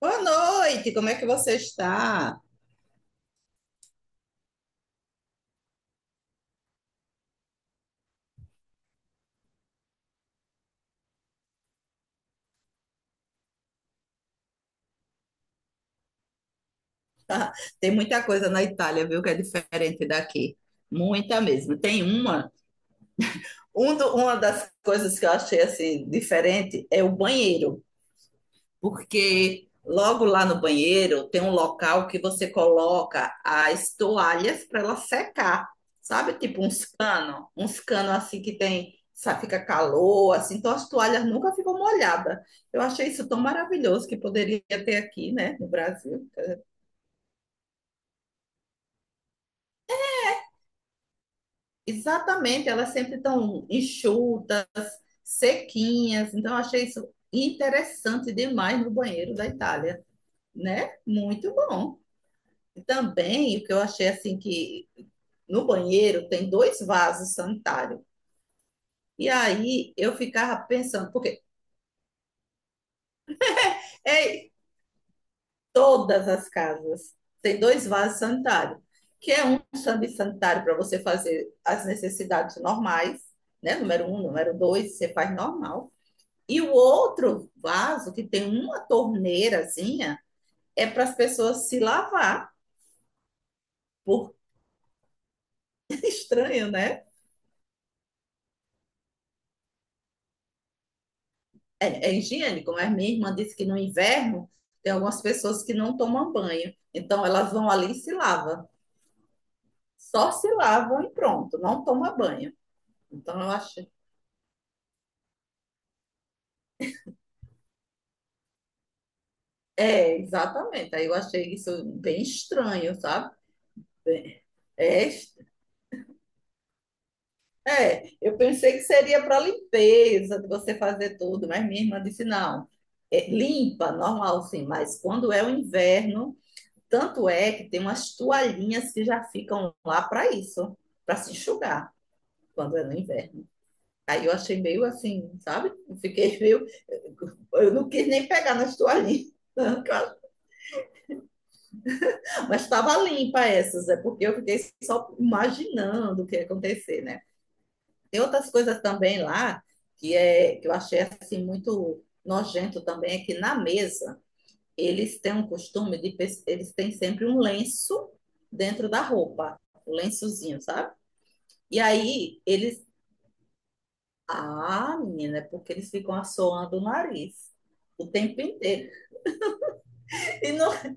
Boa noite, como é que você está? Tem muita coisa na Itália, viu, que é diferente daqui. Muita mesmo. Tem uma, um do- Uma das coisas que eu achei assim diferente é o banheiro, porque logo lá no banheiro tem um local que você coloca as toalhas para ela secar, sabe? Tipo uns cano assim que tem, sabe, fica calor, assim, então as toalhas nunca ficam molhadas. Eu achei isso tão maravilhoso que poderia ter aqui, né, no Brasil. Exatamente, elas sempre estão enxutas, sequinhas. Então, eu achei isso interessante demais no banheiro da Itália, né? Muito bom. Também, o que eu achei assim que no banheiro tem dois vasos sanitários. E aí eu ficava pensando, porque é Todas as casas tem dois vasos sanitários, que é um serviço sanitário para você fazer as necessidades normais, né? Número um, número dois, você faz normal. E o outro vaso, que tem uma torneirazinha, é para as pessoas se lavar. Porque é estranho, né? É, é higiênico, mas minha irmã disse que no inverno tem algumas pessoas que não tomam banho. Então elas vão ali e se lavam. Só se lavam e pronto, não toma banho. Então eu achei. É, exatamente. Aí eu achei isso bem estranho, sabe? É estranho. É, eu pensei que seria para limpeza, de você fazer tudo, mas minha irmã disse não. É, limpa, normal sim, mas quando é o inverno, tanto é que tem umas toalhinhas que já ficam lá para isso, para se enxugar quando é no inverno. Aí eu achei meio assim, sabe? Eu fiquei meio. Eu não quis nem pegar nas toalhinhas. Mas estava limpa essas, é porque eu fiquei só imaginando o que ia acontecer, né? Tem outras coisas também lá que eu achei assim muito nojento também, é que na mesa eles têm sempre um lenço dentro da roupa, o lençozinho, sabe? E aí eles, ah, menina, é porque eles ficam assoando o nariz o tempo inteiro. E não-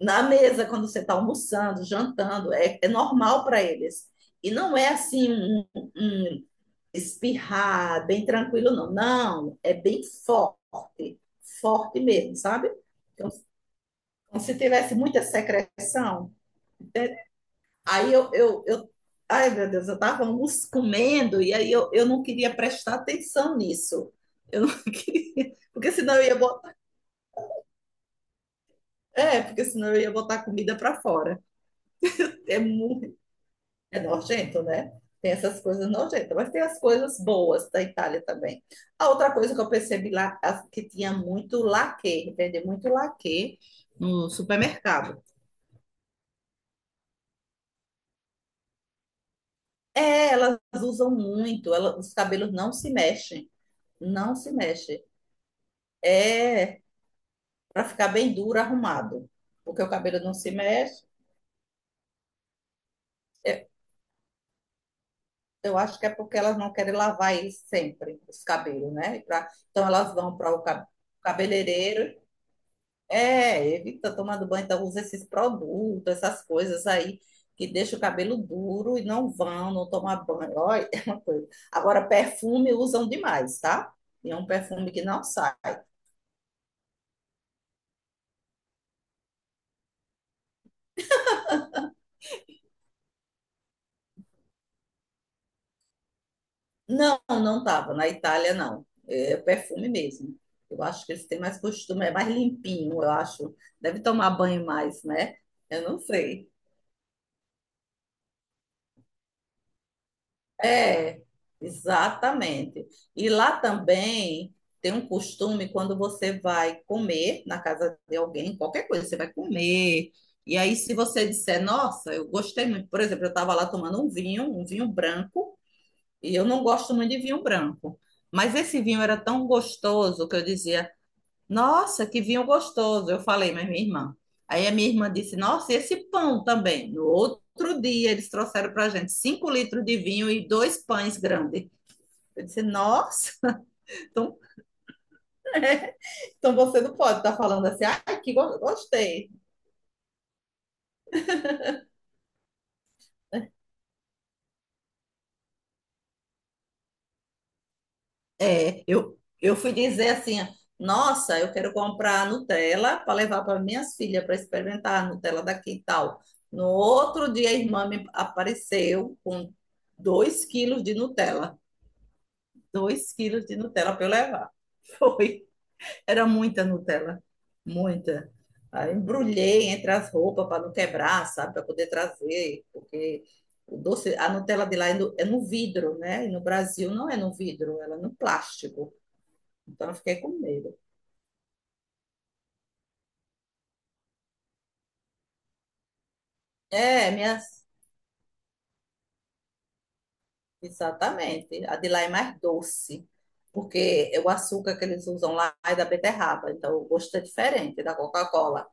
Na mesa quando você está almoçando, jantando, é normal para eles. E não é assim um espirrar, bem tranquilo, não. Não, é bem forte, forte mesmo, sabe? Então, se tivesse muita secreção, aí eu, ai meu Deus, eu estava comendo e aí eu não queria prestar atenção nisso. Eu não queria, porque senão eu ia botar comida para fora. É muito É nojento, né? Tem essas coisas nojentas, mas tem as coisas boas da Itália também. A outra coisa que eu percebi lá, que tinha muito laque, vende muito laque no supermercado. É, elas usam muito, os cabelos não se mexem. É, para ficar bem duro, arrumado. Porque o cabelo não se mexe, eu acho que é porque elas não querem lavar eles sempre, os cabelos, né? Então elas vão para o cabeleireiro. É, evita tomar do banho, então usa esses produtos, essas coisas aí que deixa o cabelo duro e não tomar banho. Olha, é uma coisa. Agora, perfume usam demais, tá? E é um perfume que não sai. Não, não tava na Itália, não. É perfume mesmo. Eu acho que eles têm mais costume, é mais limpinho, eu acho. Deve tomar banho mais, né? Eu não sei. É, exatamente. E lá também tem um costume quando você vai comer na casa de alguém, qualquer coisa, você vai comer. E aí, se você disser, nossa, eu gostei muito, por exemplo, eu estava lá tomando um vinho branco, e eu não gosto muito de vinho branco. Mas esse vinho era tão gostoso que eu dizia, nossa, que vinho gostoso! Eu falei, mas minha irmã. Aí a minha irmã disse: nossa, e esse pão também. No outro dia eles trouxeram para a gente 5 litros de vinho e dois pães grandes. Eu disse: nossa, então, é, então você não pode estar falando assim, ai, gostei. É, eu fui dizer assim: nossa, eu quero comprar Nutella para levar para minhas filhas para experimentar a Nutella daqui e tal. No outro dia a irmã me apareceu com dois quilos de Nutella. 2 quilos de Nutella para eu levar. Foi. Era muita Nutella, muita. Aí embrulhei entre as roupas para não quebrar, sabe? Para poder trazer, porque o doce, a Nutella de lá é no vidro, né? E no Brasil não é no vidro, ela é no plástico. Então eu fiquei com medo. É, minhas. Exatamente. A de lá é mais doce, porque é o açúcar que eles usam lá é da beterraba, então o gosto é diferente da Coca-Cola.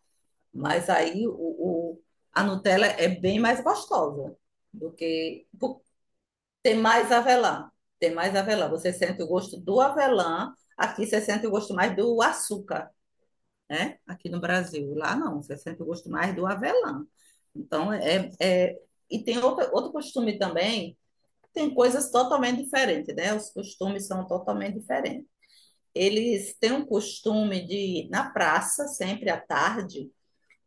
Mas aí o, o- a Nutella é bem mais gostosa do que por- tem mais avelã. Tem mais avelã. Você sente o gosto do avelã, aqui você sente o gosto mais do açúcar, né? Aqui no Brasil. Lá não, você sente o gosto mais do avelã. Então é, é- e tem outro costume também, tem coisas totalmente diferentes, né? Os costumes são totalmente diferentes. Eles têm um costume de, na praça, sempre à tarde,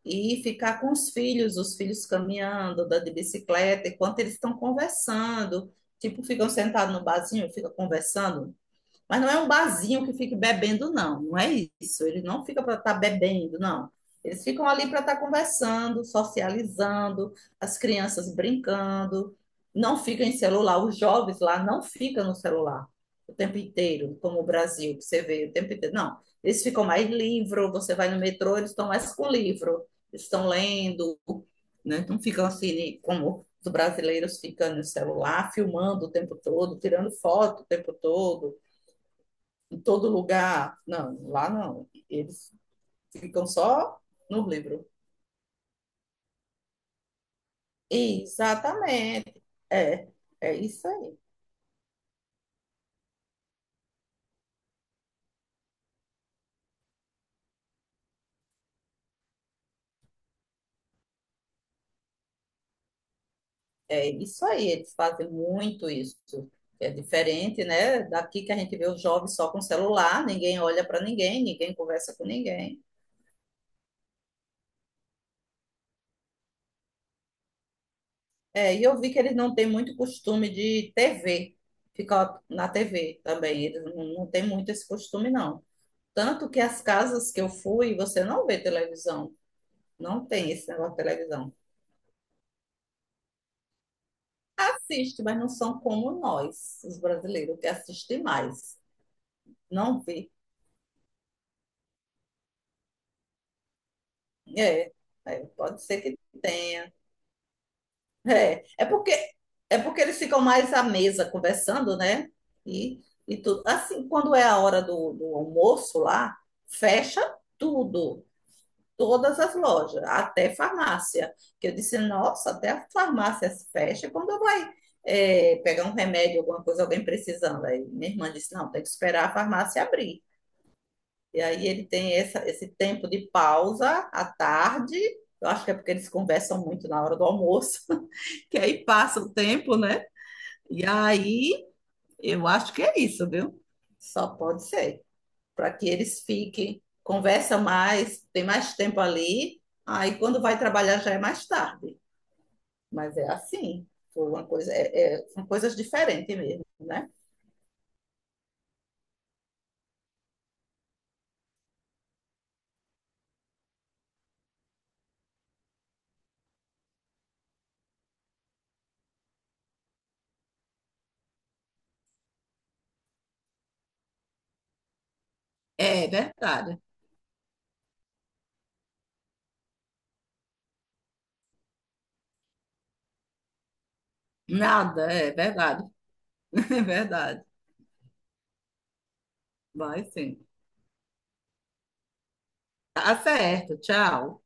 e ficar com os filhos caminhando, dando de bicicleta, enquanto eles estão conversando. Tipo, ficam sentados no barzinho, ficam conversando, mas não é um barzinho que fique bebendo, não. Não é isso. Eles não ficam para estar bebendo, não. Eles ficam ali para estar conversando, socializando, as crianças brincando. Não ficam em celular. Os jovens lá não ficam no celular o tempo inteiro, como o Brasil, que você vê o tempo inteiro. Não. Eles ficam mais livro. Você vai no metrô, eles estão mais com livro. Eles estão lendo, né? Não ficam assim, como os brasileiros ficam no celular, filmando o tempo todo, tirando foto o tempo todo em todo lugar. Não, lá não. Eles ficam só no livro. Exatamente. É, é isso aí. É isso aí. Eles fazem muito isso. É diferente, né? Daqui que a gente vê os jovens só com celular, ninguém olha para ninguém, ninguém conversa com ninguém. É, e eu vi que eles não têm muito costume de TV, ficar na TV também. Eles não, não têm muito esse costume, não. Tanto que as casas que eu fui, você não vê televisão, não tem esse negócio de televisão. Assiste, mas não são como nós, os brasileiros, que assistem mais. Não vê. É, pode ser que tenha. É, é porque é porque eles ficam mais à mesa conversando, né? E, e tudo. Assim, quando é a hora do almoço lá, fecha tudo, todas as lojas, até farmácia. Que eu disse, nossa, até a farmácia se fecha quando vai pegar um remédio, alguma coisa, alguém precisando. Aí minha irmã disse, não, tem que esperar a farmácia abrir. E aí ele tem esse tempo de pausa à tarde. Eu acho que é porque eles conversam muito na hora do almoço, que aí passa o tempo, né? E aí eu acho que é isso, viu? Só pode ser. Para que eles fiquem, conversam mais, tem mais tempo ali. Aí quando vai trabalhar já é mais tarde. Mas é assim. Foi uma coisa, são coisas diferentes mesmo, né? É verdade. Nada, é verdade. É verdade. Vai sim. Tá certo, tchau.